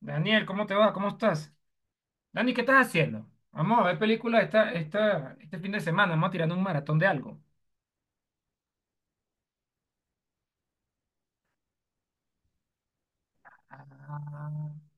Daniel, ¿cómo te va? ¿Cómo estás? Dani, ¿qué estás haciendo? Vamos a ver películas este fin de semana. Vamos a tirar un maratón de algo. Ah.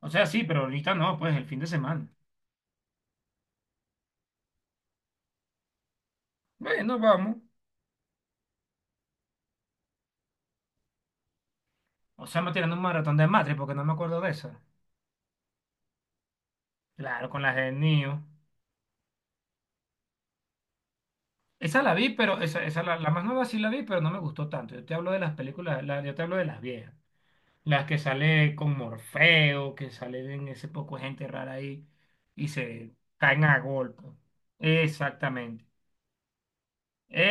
O sea, sí, pero ahorita no, pues el fin de semana. Bueno, vamos. O sea, me tirando un maratón de Matrix porque no me acuerdo de esa. Claro, con las de Neo. Esa la vi, pero la más nueva sí la vi, pero no me gustó tanto. Yo te hablo de las películas, yo te hablo de las viejas. Las que sale con Morfeo, que sale en ese poco de gente rara ahí y se caen a golpe. Exactamente.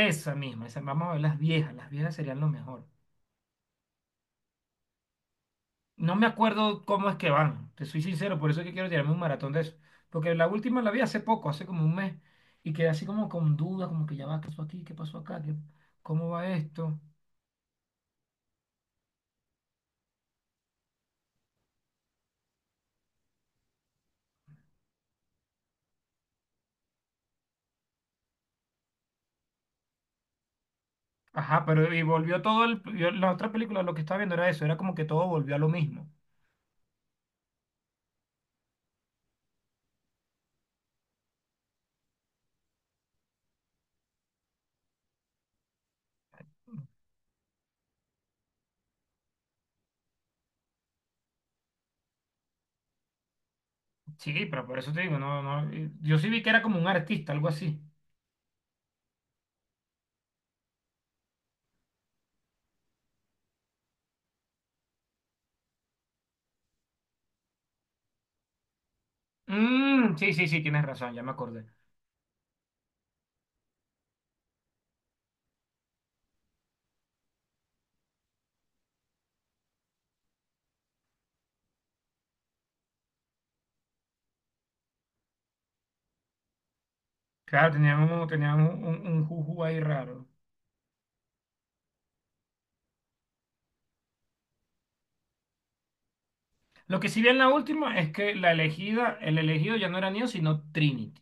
Esa misma, esa, vamos a ver las viejas serían lo mejor. No me acuerdo cómo es que van, te soy sincero, por eso es que quiero tirarme un maratón de eso. Porque la última la vi hace poco, hace como un mes, y quedé así como con dudas, como que ya va, ¿qué pasó aquí? ¿Qué pasó acá? ¿Cómo va esto? Ajá, pero y volvió todo el, la otra película, lo que estaba viendo era eso, era como que todo volvió a lo mismo. Sí, pero por eso te digo, no, no, yo sí vi que era como un artista, algo así. Mm, sí, sí, sí, tienes razón, ya me acordé. Claro, tenían un juju ahí raro. Lo que sí vi en la última es que la elegida, el elegido ya no era Neo, sino Trinity.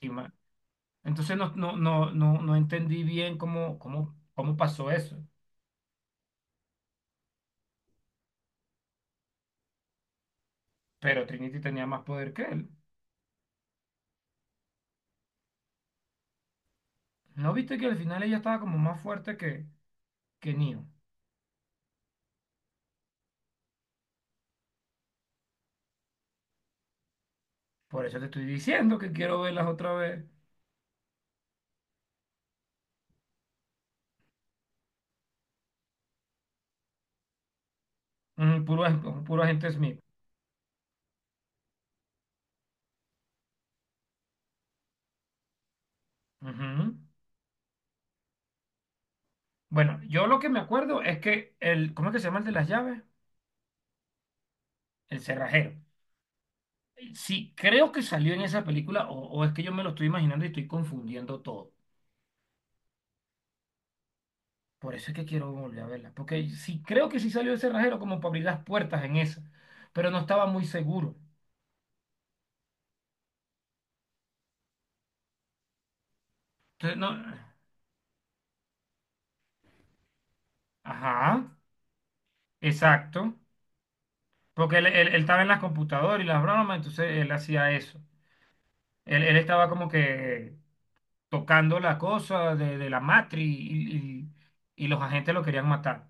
y ma- Entonces no, entendí bien cómo, cómo pasó eso. Pero Trinity tenía más poder que él. ¿No viste que al final ella estaba como más fuerte que Neo? Por eso te estoy diciendo que quiero verlas otra vez. Mm, puro agente Smith. Ujú. Bueno, yo lo que me acuerdo es que el, ¿cómo es que se llama el de las llaves? El cerrajero. Sí, creo que salió en esa película, o es que yo me lo estoy imaginando y estoy confundiendo todo. Por eso es que quiero volver a verla. Porque sí, creo que sí salió ese cerrajero como para abrir las puertas en esa, pero no estaba muy seguro. Entonces, no. Ajá, exacto. Porque él, él estaba en las computadoras y las bromas, entonces él hacía eso. Él estaba como que tocando la cosa de la matriz y los agentes lo querían matar.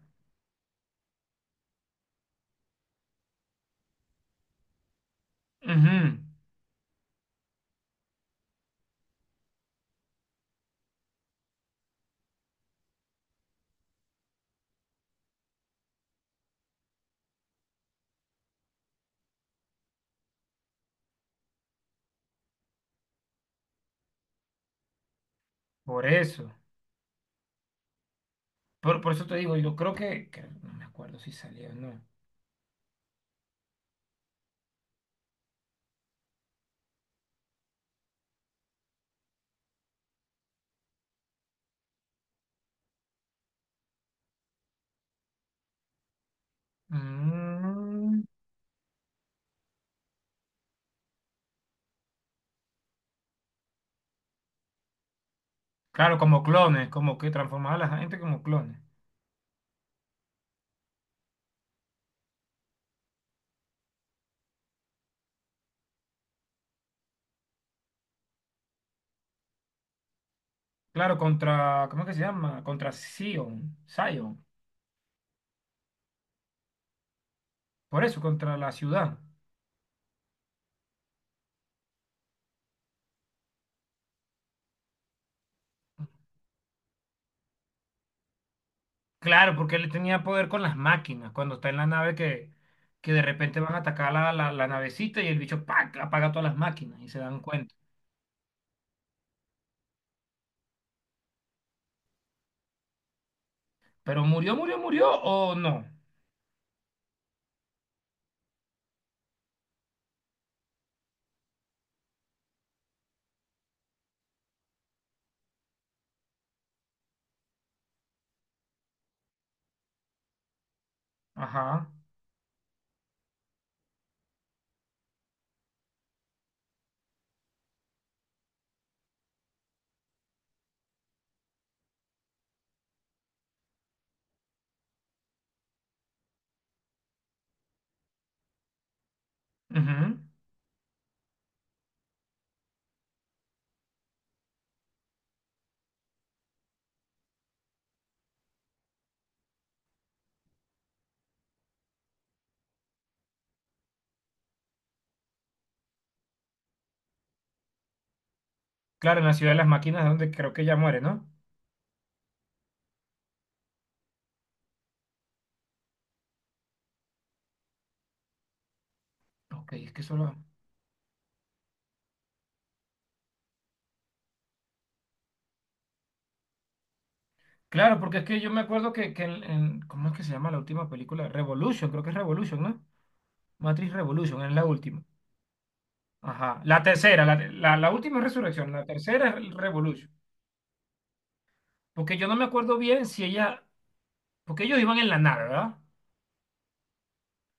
Ujú. Por eso. Por eso te digo, yo creo que no me acuerdo si salía o no. Mm, claro, como clones, como que transformaba a la gente como clones. Claro, contra, ¿cómo es que se llama? Contra Sion, Sion. Por eso, contra la ciudad. Claro, porque él tenía poder con las máquinas, cuando está en la nave que de repente van a atacar la navecita y el bicho ¡pac! Apaga todas las máquinas y se dan cuenta. Pero murió, murió, murió o no. Ajá. Ujú. Claro, en la ciudad de las máquinas es donde creo que ella muere, ¿no? Ok, es que solo... Claro, porque es que yo me acuerdo que en, ¿cómo es que se llama la última película? Revolution, creo que es Revolution, ¿no? Matrix Revolution, es la última. Ajá, la tercera, la última es Resurrección, la tercera es el Revolution. Porque yo no me acuerdo bien si ella, porque ellos iban en la nave, ¿verdad?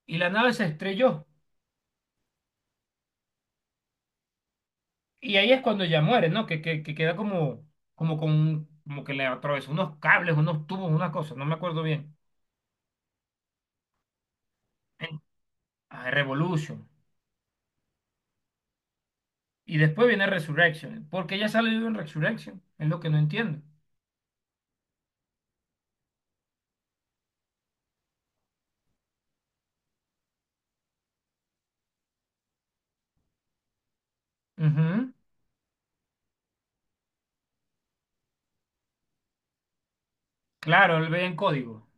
Y la nave se estrelló. Y ahí es cuando ella muere, ¿no? Que queda como, como con, como que le atravesó unos cables, unos tubos, una cosa, no me acuerdo bien. En- Revolution. Y después viene Resurrection. ¿Porque ella sale viva en Resurrection? Es lo que no entiendo. Ujú. Claro, él ve en código.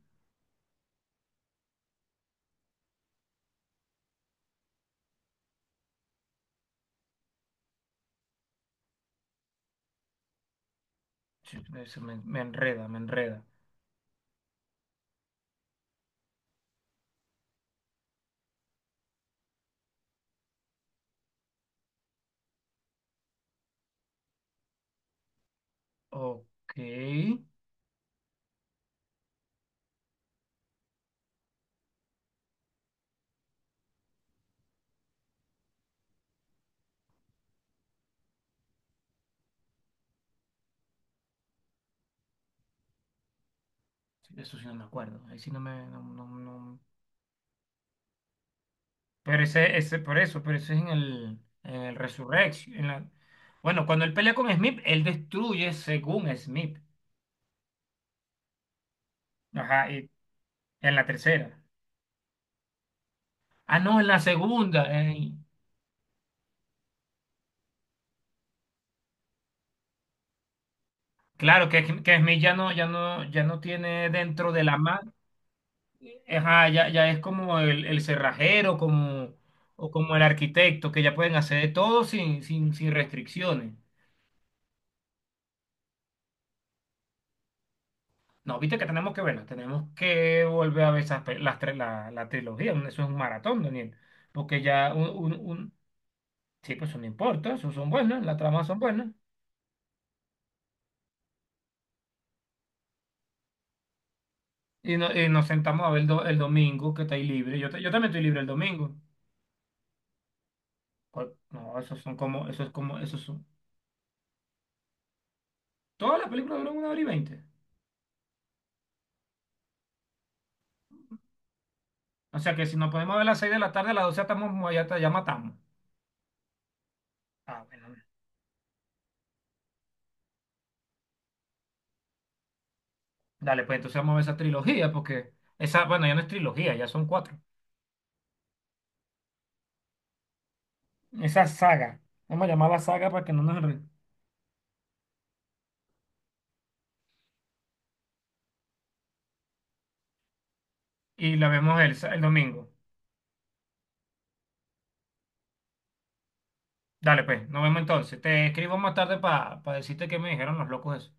Sí, eso me enreda, me enreda. Ok. Sí, eso sí no me acuerdo. Ahí sí no me... Pero ese, por eso, pero ese es en el Resurrection. Bueno, cuando él pelea con Smith, él destruye según Smith. Ajá, y en la tercera. Ah, no, en la segunda. Claro, que Smith ya no tiene dentro de la mano. Ajá, ya es como el cerrajero, como, o como el arquitecto, que ya pueden hacer de todo sin restricciones. No, viste que tenemos que verla, tenemos que volver a ver esas, las, la, la trilogía, eso es un maratón, Daniel, porque ya sí, pues eso no importa, eso son buenas, las tramas son buenas, y, no- y nos sentamos a ver el, el domingo, que está ahí libre, yo también estoy libre el domingo. No, esos son como, esos es como, esos son, todas las películas duran una hora y 20. O sea que si nos podemos ver a las 6 de la tarde, a las 12 ya, estamos, ya matamos. Ah, bueno. Dale, pues entonces vamos a ver esa trilogía, porque esa, bueno, ya no es trilogía, ya son cuatro. Esa saga. Vamos a llamarla saga para que no nos... Y la vemos el, el domingo. Dale, pues, nos vemos entonces. Te escribo más tarde para decirte qué me dijeron los locos eso.